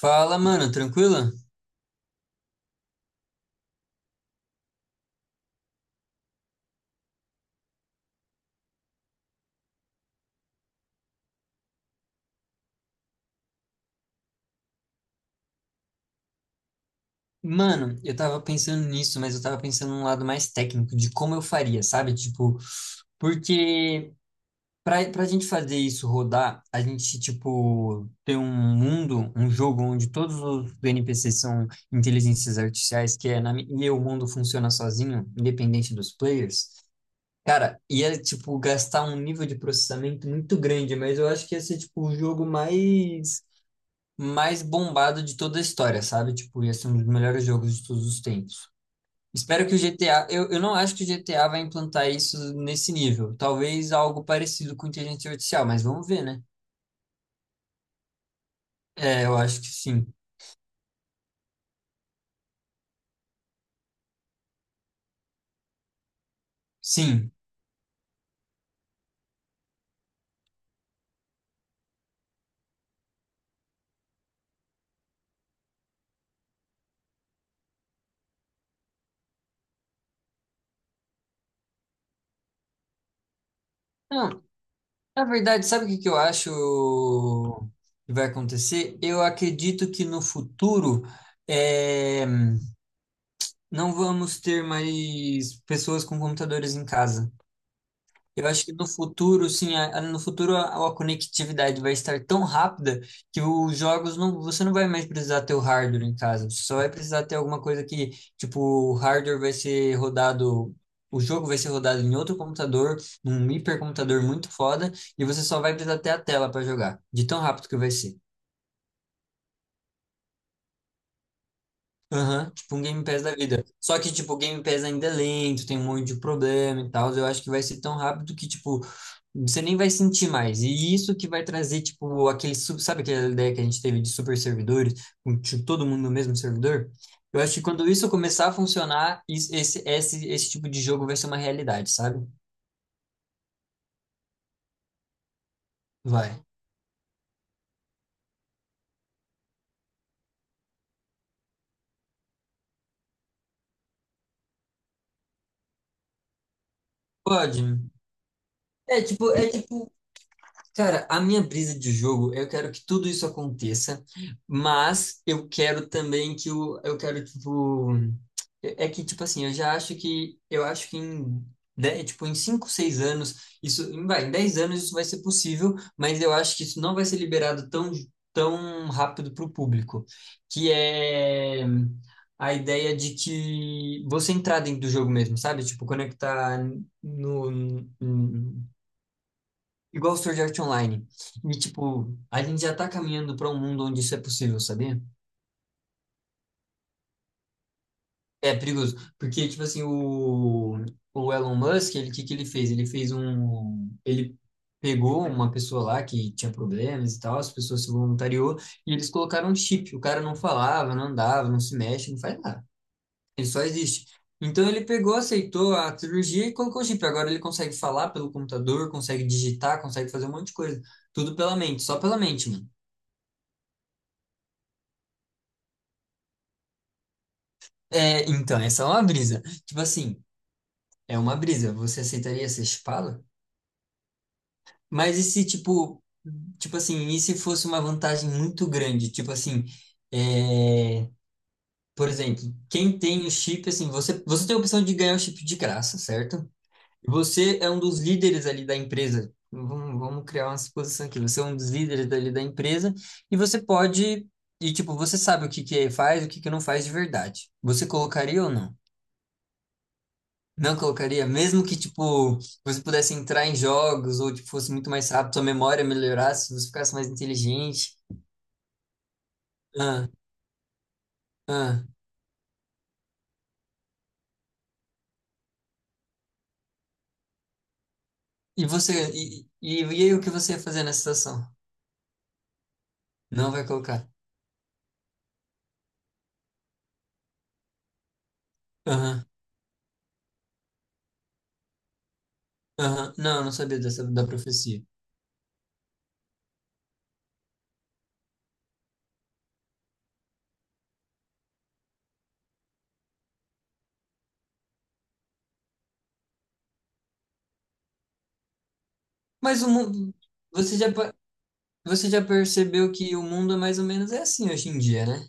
Fala, mano, tranquila. Mano, eu tava pensando nisso, mas eu tava pensando num lado mais técnico de como eu faria, sabe? Tipo, porque pra gente fazer isso rodar, a gente, tipo, ter um mundo, um jogo onde todos os NPCs são inteligências artificiais, que é na, mi- e o mundo funciona sozinho, independente dos players. Cara, ia, tipo, gastar um nível de processamento muito grande, mas eu acho que ia ser, tipo, o jogo mais bombado de toda a história, sabe? Tipo, ia ser um dos melhores jogos de todos os tempos. Espero que o GTA. Eu não acho que o GTA vai implantar isso nesse nível. Talvez algo parecido com inteligência artificial, mas vamos ver, né? É, eu acho que sim. Sim. Não, na verdade, sabe o que que eu acho que vai acontecer? Eu acredito que no futuro. é, Não vamos ter mais pessoas com computadores em casa. Eu acho que no futuro, sim, no futuro a conectividade vai estar tão rápida que os jogos não, você não vai mais precisar ter o hardware em casa. Você só vai precisar ter alguma coisa que, tipo, o hardware vai ser rodado, o jogo vai ser rodado em outro computador, num hipercomputador muito foda, e você só vai precisar ter a tela para jogar, de tão rápido que vai ser. Aham, tipo um Game Pass da vida. Só que, tipo, o Game Pass ainda é lento, tem um monte de problema e tal. Eu acho que vai ser tão rápido que, tipo, você nem vai sentir mais. E isso que vai trazer, tipo, aquele, sabe aquela ideia que a gente teve de super servidores, com tipo, todo mundo no mesmo servidor? Eu acho que quando isso começar a funcionar, esse tipo de jogo vai ser uma realidade, sabe? Vai. Pode. É tipo, cara, a minha brisa de jogo, eu quero que tudo isso aconteça, mas eu quero também que o, eu quero, tipo, é que, tipo assim, eu já acho que, eu acho que tipo, em 5, 6 anos, em 10 anos isso vai ser possível, mas eu acho que isso não vai ser liberado tão, tão rápido para o público, que é a ideia de que você entrar dentro do jogo mesmo, sabe? Tipo, conectar no, igual Sword Art Online. E, tipo, a gente já tá caminhando para um mundo onde isso é possível, sabia? É perigoso. Porque, tipo assim, o Elon Musk, ele, o que que ele fez? Ele pegou uma pessoa lá que tinha problemas e tal, as pessoas se voluntariou, e eles colocaram um chip. O cara não falava, não andava, não se mexe, não faz nada. Ele só existe. Então ele pegou, aceitou a cirurgia e colocou o chip. Agora ele consegue falar pelo computador, consegue digitar, consegue fazer um monte de coisa. Tudo pela mente, só pela mente, mano. É, então, essa é uma brisa. Tipo assim, é uma brisa. Você aceitaria ser chipado? Mas e se, tipo, tipo assim, e se fosse uma vantagem muito grande? Tipo assim, é, por exemplo, quem tem o chip, assim, você tem a opção de ganhar o chip de graça, certo? E você é um dos líderes ali da empresa. Vamos criar uma suposição aqui. Você é um dos líderes ali da empresa e você pode, e tipo, você sabe o que que faz, e o que que não faz de verdade. Você colocaria ou não? Não colocaria, mesmo que, tipo, você pudesse entrar em jogos ou, tipo, fosse muito mais rápido, sua memória melhorasse, você ficasse mais inteligente. Ah, ah. E aí o que você ia fazer nessa situação? Não vai colocar. Aham, aham. Não, eu não sabia dessa, da profecia. Mas o mundo, você já, pa- você já percebeu que o mundo é mais ou menos é assim hoje em dia, né?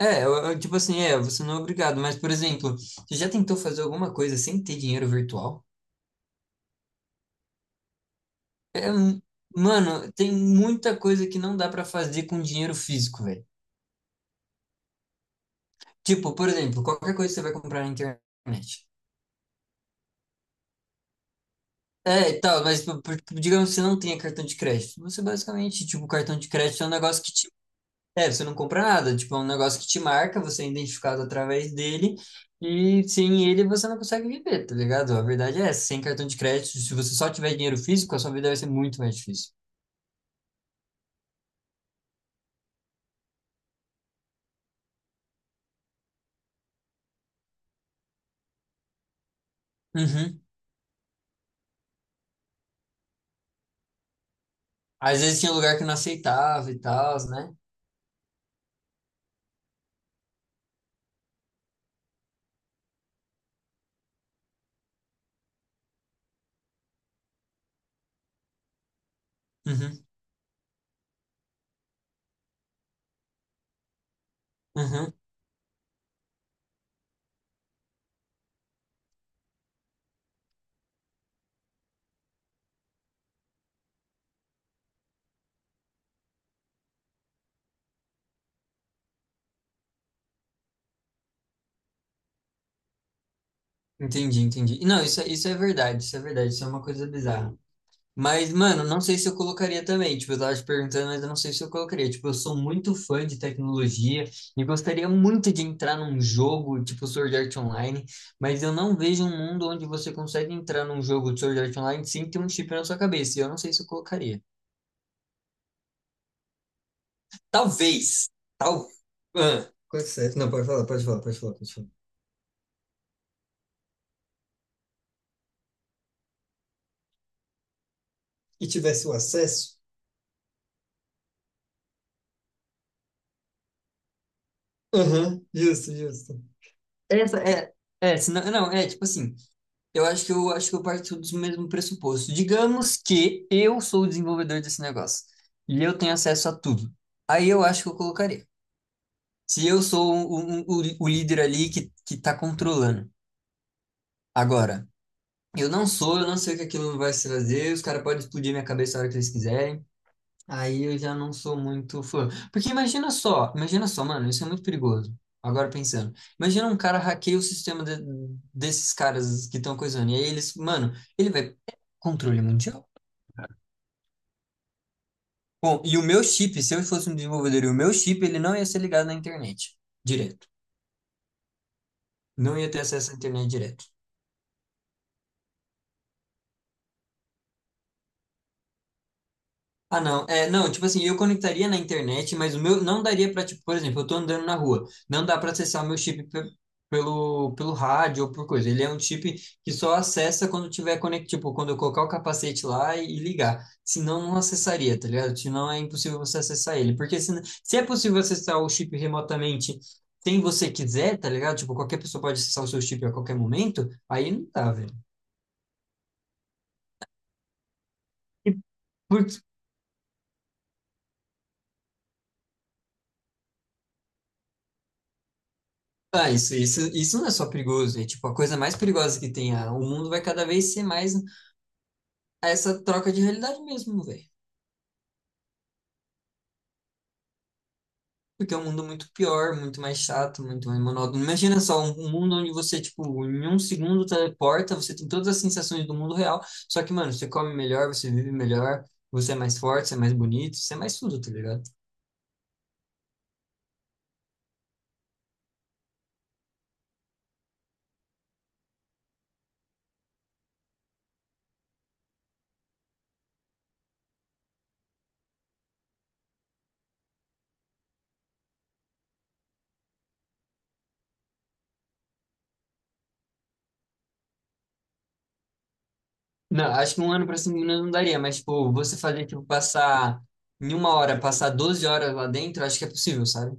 É, tipo assim, é, você não é obrigado, mas, por exemplo, você já tentou fazer alguma coisa sem ter dinheiro virtual? É, mano, tem muita coisa que não dá pra fazer com dinheiro físico, velho. Tipo, por exemplo, qualquer coisa que você vai comprar na internet. É, e tal, mas tipo, digamos que você não tenha cartão de crédito. Você basicamente, tipo, o cartão de crédito é um negócio que te. É, você não compra nada. Tipo, é um negócio que te marca, você é identificado através dele. E sem ele você não consegue viver, tá ligado? A verdade é essa. Sem cartão de crédito, se você só tiver dinheiro físico, a sua vida vai ser muito mais difícil. Uhum. Às vezes tinha lugar que não aceitava e tal, né? Uhum. Uhum. Entendi, entendi. Não, isso, isso é verdade, isso é verdade, isso é uma coisa bizarra. Mas, mano, não sei se eu colocaria também. Tipo, eu tava te perguntando, mas eu não sei se eu colocaria. Tipo, eu sou muito fã de tecnologia e gostaria muito de entrar num jogo, tipo Sword Art Online, mas eu não vejo um mundo onde você consegue entrar num jogo de Sword Art Online sem ter um chip na sua cabeça. E eu não sei se eu colocaria. Talvez, tal. Ah, coisa certa. Não, pode falar, pode falar, pode falar, pode falar. E tivesse o acesso? Aham, justo, justo. Essa é, senão, não, é tipo assim, eu acho que eu parto do mesmo pressuposto. Digamos que eu sou o desenvolvedor desse negócio e eu tenho acesso a tudo. Aí eu acho que eu colocaria. Se eu sou o líder ali que tá controlando. Agora, eu não sei o que aquilo vai se fazer, os caras podem explodir minha cabeça a hora que eles quiserem. Aí eu já não sou muito fã. Imagina só, mano, isso é muito perigoso. Agora pensando. Imagina um cara hackeia o sistema de- desses caras que estão coisando. E aí eles, mano, ele vai. Controle mundial. Bom, se eu fosse um desenvolvedor, e o meu chip, ele não ia ser ligado na internet direto. Não ia ter acesso à internet direto. Ah, não. É, não, tipo assim, eu conectaria na internet, mas o meu não daria pra, tipo, por exemplo, eu tô andando na rua, não dá pra acessar o meu chip pelo rádio ou por coisa. Ele é um chip que só acessa quando tiver conect, tipo, quando eu colocar o capacete lá e ligar. Senão não acessaria, tá ligado? Senão é impossível você acessar ele. Porque se é possível acessar o chip remotamente sem você quiser, tá ligado? Tipo, qualquer pessoa pode acessar o seu chip a qualquer momento, aí não dá, velho. Ah, isso não é só perigoso, é tipo a coisa mais perigosa que tem. Ah, o mundo vai cada vez ser mais essa troca de realidade mesmo, velho. Porque é um mundo muito pior, muito mais chato, muito mais monótono. Imagina só um mundo onde você, tipo, em um segundo teleporta, você tem todas as sensações do mundo real, só que, mano, você come melhor, você vive melhor, você é mais forte, você é mais bonito, você é mais tudo, tá ligado? Não, acho que um ano pra cima não daria, mas, tipo, você fazer, tipo, passar em uma hora, passar 12 horas lá dentro, acho que é possível, sabe?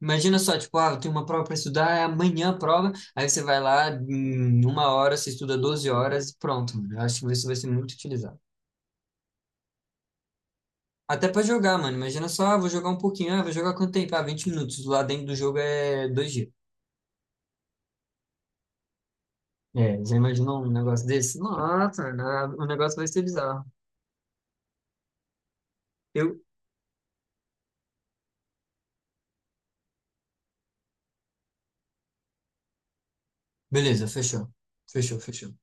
Imagina só, tipo, ah, eu tenho uma prova para estudar, é amanhã a prova, aí você vai lá, em uma hora, você estuda 12 horas e pronto, mano. Eu acho que isso vai ser muito utilizado. Até para jogar, mano. Imagina só, ah, vou jogar um pouquinho, ah, vou jogar quanto tempo? Ah, 20 minutos. Lá dentro do jogo é dois dias. É, já imaginou um negócio desse? Nossa, mano, ah, o negócio vai ser bizarro. Eu... Beleza, fechou. Fechou, fechou.